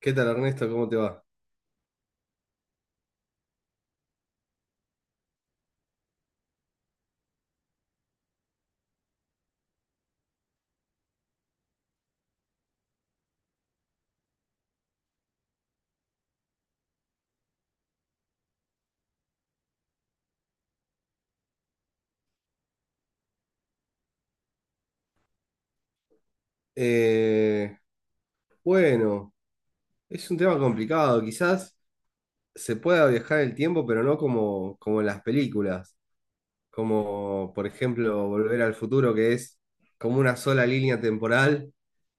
¿Qué tal, Ernesto? ¿Cómo te va? Eh, bueno, es un tema complicado. Quizás se pueda viajar en el tiempo, pero no como en las películas. Como por ejemplo Volver al Futuro, que es como una sola línea temporal,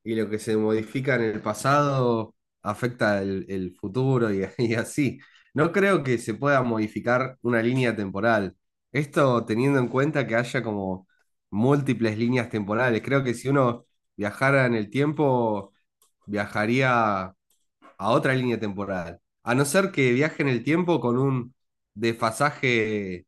y lo que se modifica en el pasado afecta el futuro y, y así. No creo que se pueda modificar una línea temporal. Esto teniendo en cuenta que haya como múltiples líneas temporales. Creo que si uno viajara en el tiempo, viajaría a otra línea temporal. A no ser que viaje en el tiempo con un desfasaje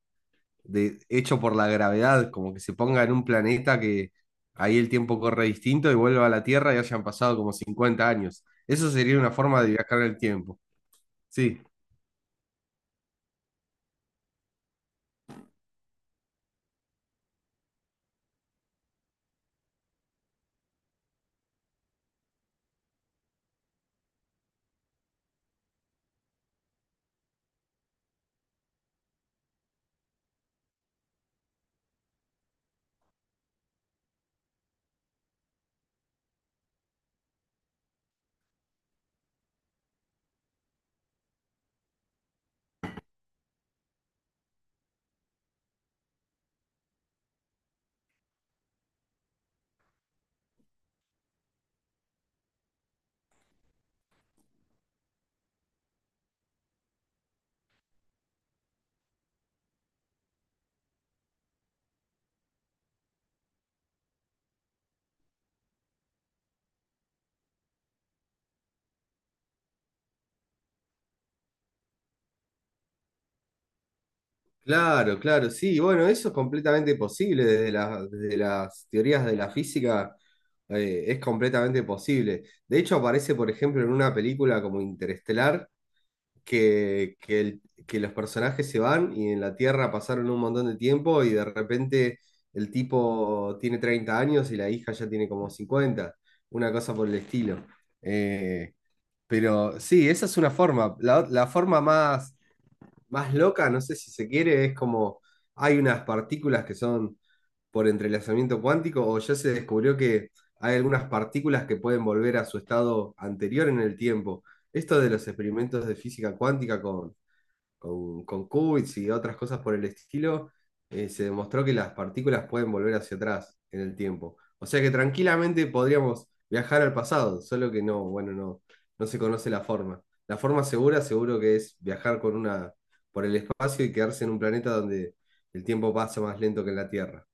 de, hecho por la gravedad, como que se ponga en un planeta que ahí el tiempo corre distinto y vuelva a la Tierra y hayan pasado como 50 años. Eso sería una forma de viajar en el tiempo. Sí, claro, claro, sí, bueno, eso es completamente posible desde la- desde las teorías de la física, es completamente posible. De hecho, aparece, por ejemplo, en una película como Interestelar, que, que, el- que los personajes se van y en la Tierra pasaron un montón de tiempo y de repente el tipo tiene 30 años y la hija ya tiene como 50, una cosa por el estilo. Eh, pero sí, esa es una forma. La forma más, más loca, no sé si se quiere, es como hay unas partículas que son por entrelazamiento cuántico, o ya se descubrió que hay algunas partículas que pueden volver a su estado anterior en el tiempo. Esto de los experimentos de física cuántica con qubits y otras cosas por el estilo, se demostró que las partículas pueden volver hacia atrás en el tiempo. O sea que tranquilamente podríamos viajar al pasado, solo que no, bueno, no, no se conoce la forma. La forma segura seguro que es viajar con una, por el espacio y quedarse en un planeta donde el tiempo pasa más lento que en la Tierra.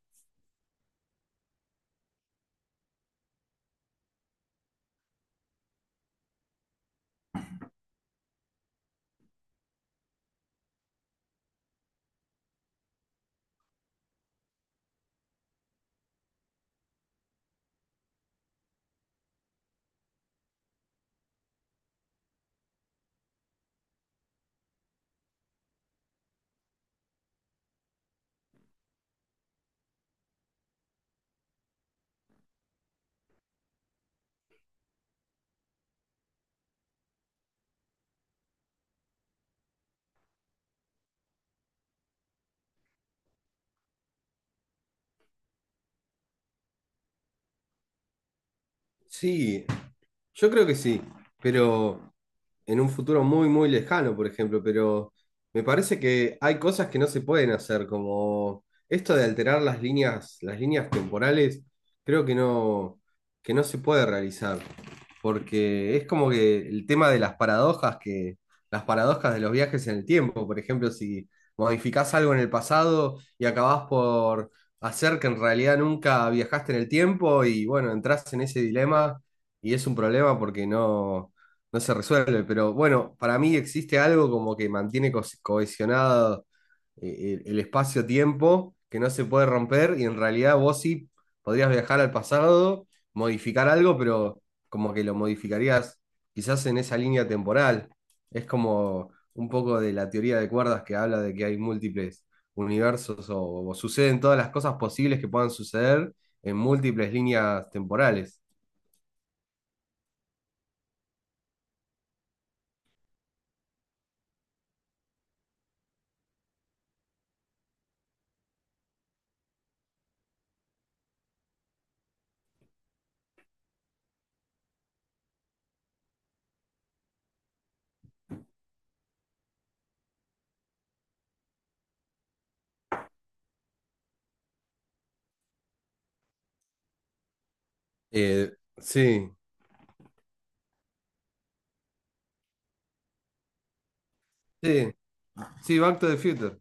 Sí, yo creo que sí, pero en un futuro muy, muy lejano, por ejemplo, pero me parece que hay cosas que no se pueden hacer, como esto de alterar las líneas temporales, creo que no se puede realizar, porque es como que el tema de las paradojas, que las paradojas de los viajes en el tiempo, por ejemplo, si modificás algo en el pasado y acabás por hacer que en realidad nunca viajaste en el tiempo y bueno, entras en ese dilema y es un problema porque no, no se resuelve. Pero bueno, para mí existe algo como que mantiene co- cohesionado el espacio-tiempo que no se puede romper y en realidad vos sí podrías viajar al pasado, modificar algo, pero como que lo modificarías quizás en esa línea temporal. Es como un poco de la teoría de cuerdas que habla de que hay múltiples universos o suceden todas las cosas posibles que puedan suceder en múltiples líneas temporales. Eh, sí, sí, sí, Back to the Future.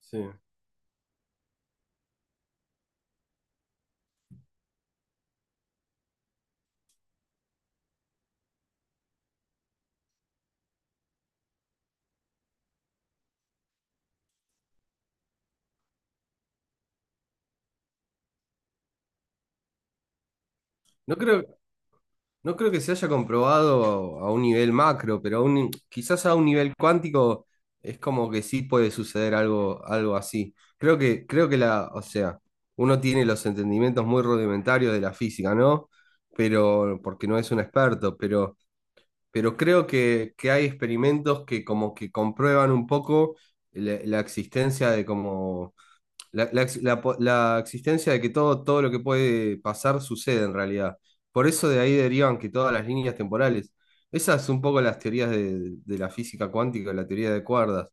Sí. No creo, no creo que se haya comprobado a un nivel macro, pero a un- quizás a un nivel cuántico es como que sí puede suceder algo, algo así. Creo que la, o sea, uno tiene los entendimientos muy rudimentarios de la física, ¿no? Pero, porque no es un experto, pero creo que hay experimentos que como que comprueban un poco la existencia de como la ex- la po- la existencia de que todo, todo lo que puede pasar sucede en realidad. Por eso de ahí derivan que todas las líneas temporales. Esas son un poco las teorías de la física cuántica, la teoría de cuerdas,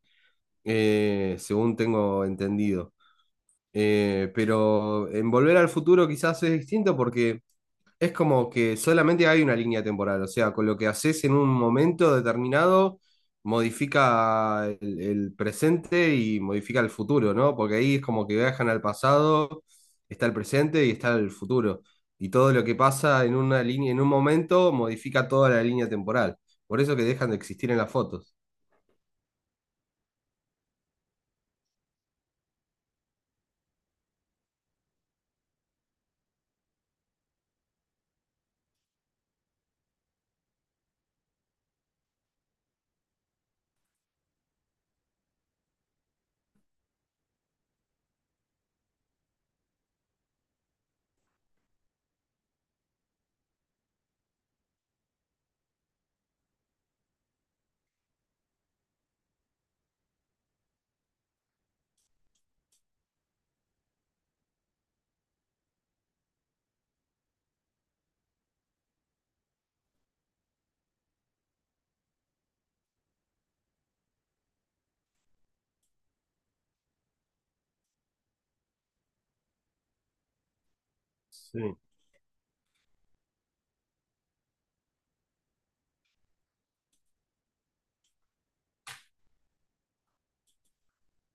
según tengo entendido. Pero en Volver al Futuro quizás es distinto porque es como que solamente hay una línea temporal, o sea, con lo que haces en un momento determinado, modifica el presente y modifica el futuro, ¿no? Porque ahí es como que viajan al pasado, está el presente y está el futuro. Y todo lo que pasa en una línea, en un momento, modifica toda la línea temporal. Por eso que dejan de existir en las fotos. Sí.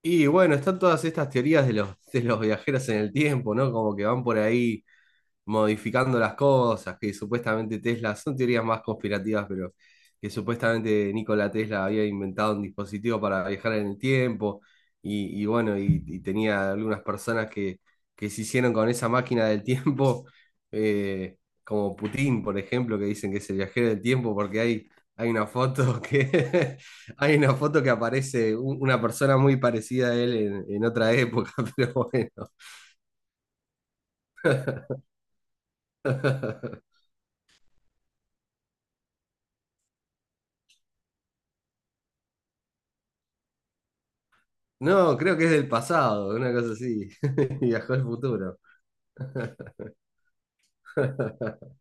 Y bueno, están todas estas teorías de los viajeros en el tiempo, ¿no? Como que van por ahí modificando las cosas, que supuestamente Tesla, son teorías más conspirativas, pero que supuestamente Nikola Tesla había inventado un dispositivo para viajar en el tiempo, y bueno, y tenía algunas personas que se hicieron con esa máquina del tiempo, eh, como Putin, por ejemplo, que dicen que es el viajero del tiempo, porque hay una foto que hay una foto que aparece un- una persona muy parecida a él en otra época, pero bueno. No, creo que es del pasado, una cosa así. Viajó al futuro.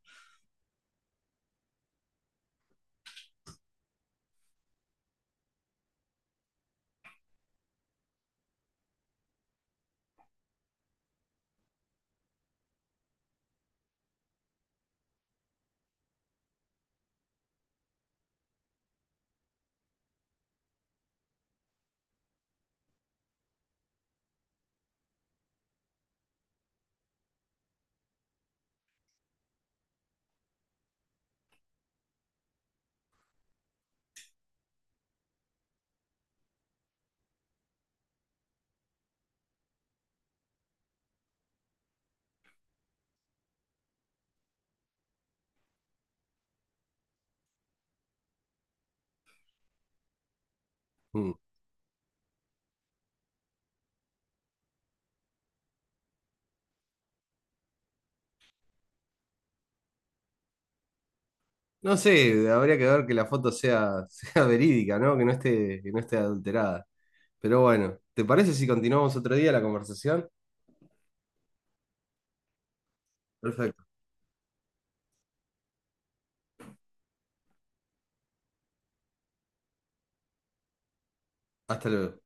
Mm. No sé, habría que ver que la foto sea, sea verídica, ¿no? Que no esté adulterada. Pero bueno, ¿te parece si continuamos otro día la conversación? Perfecto. Hasta luego.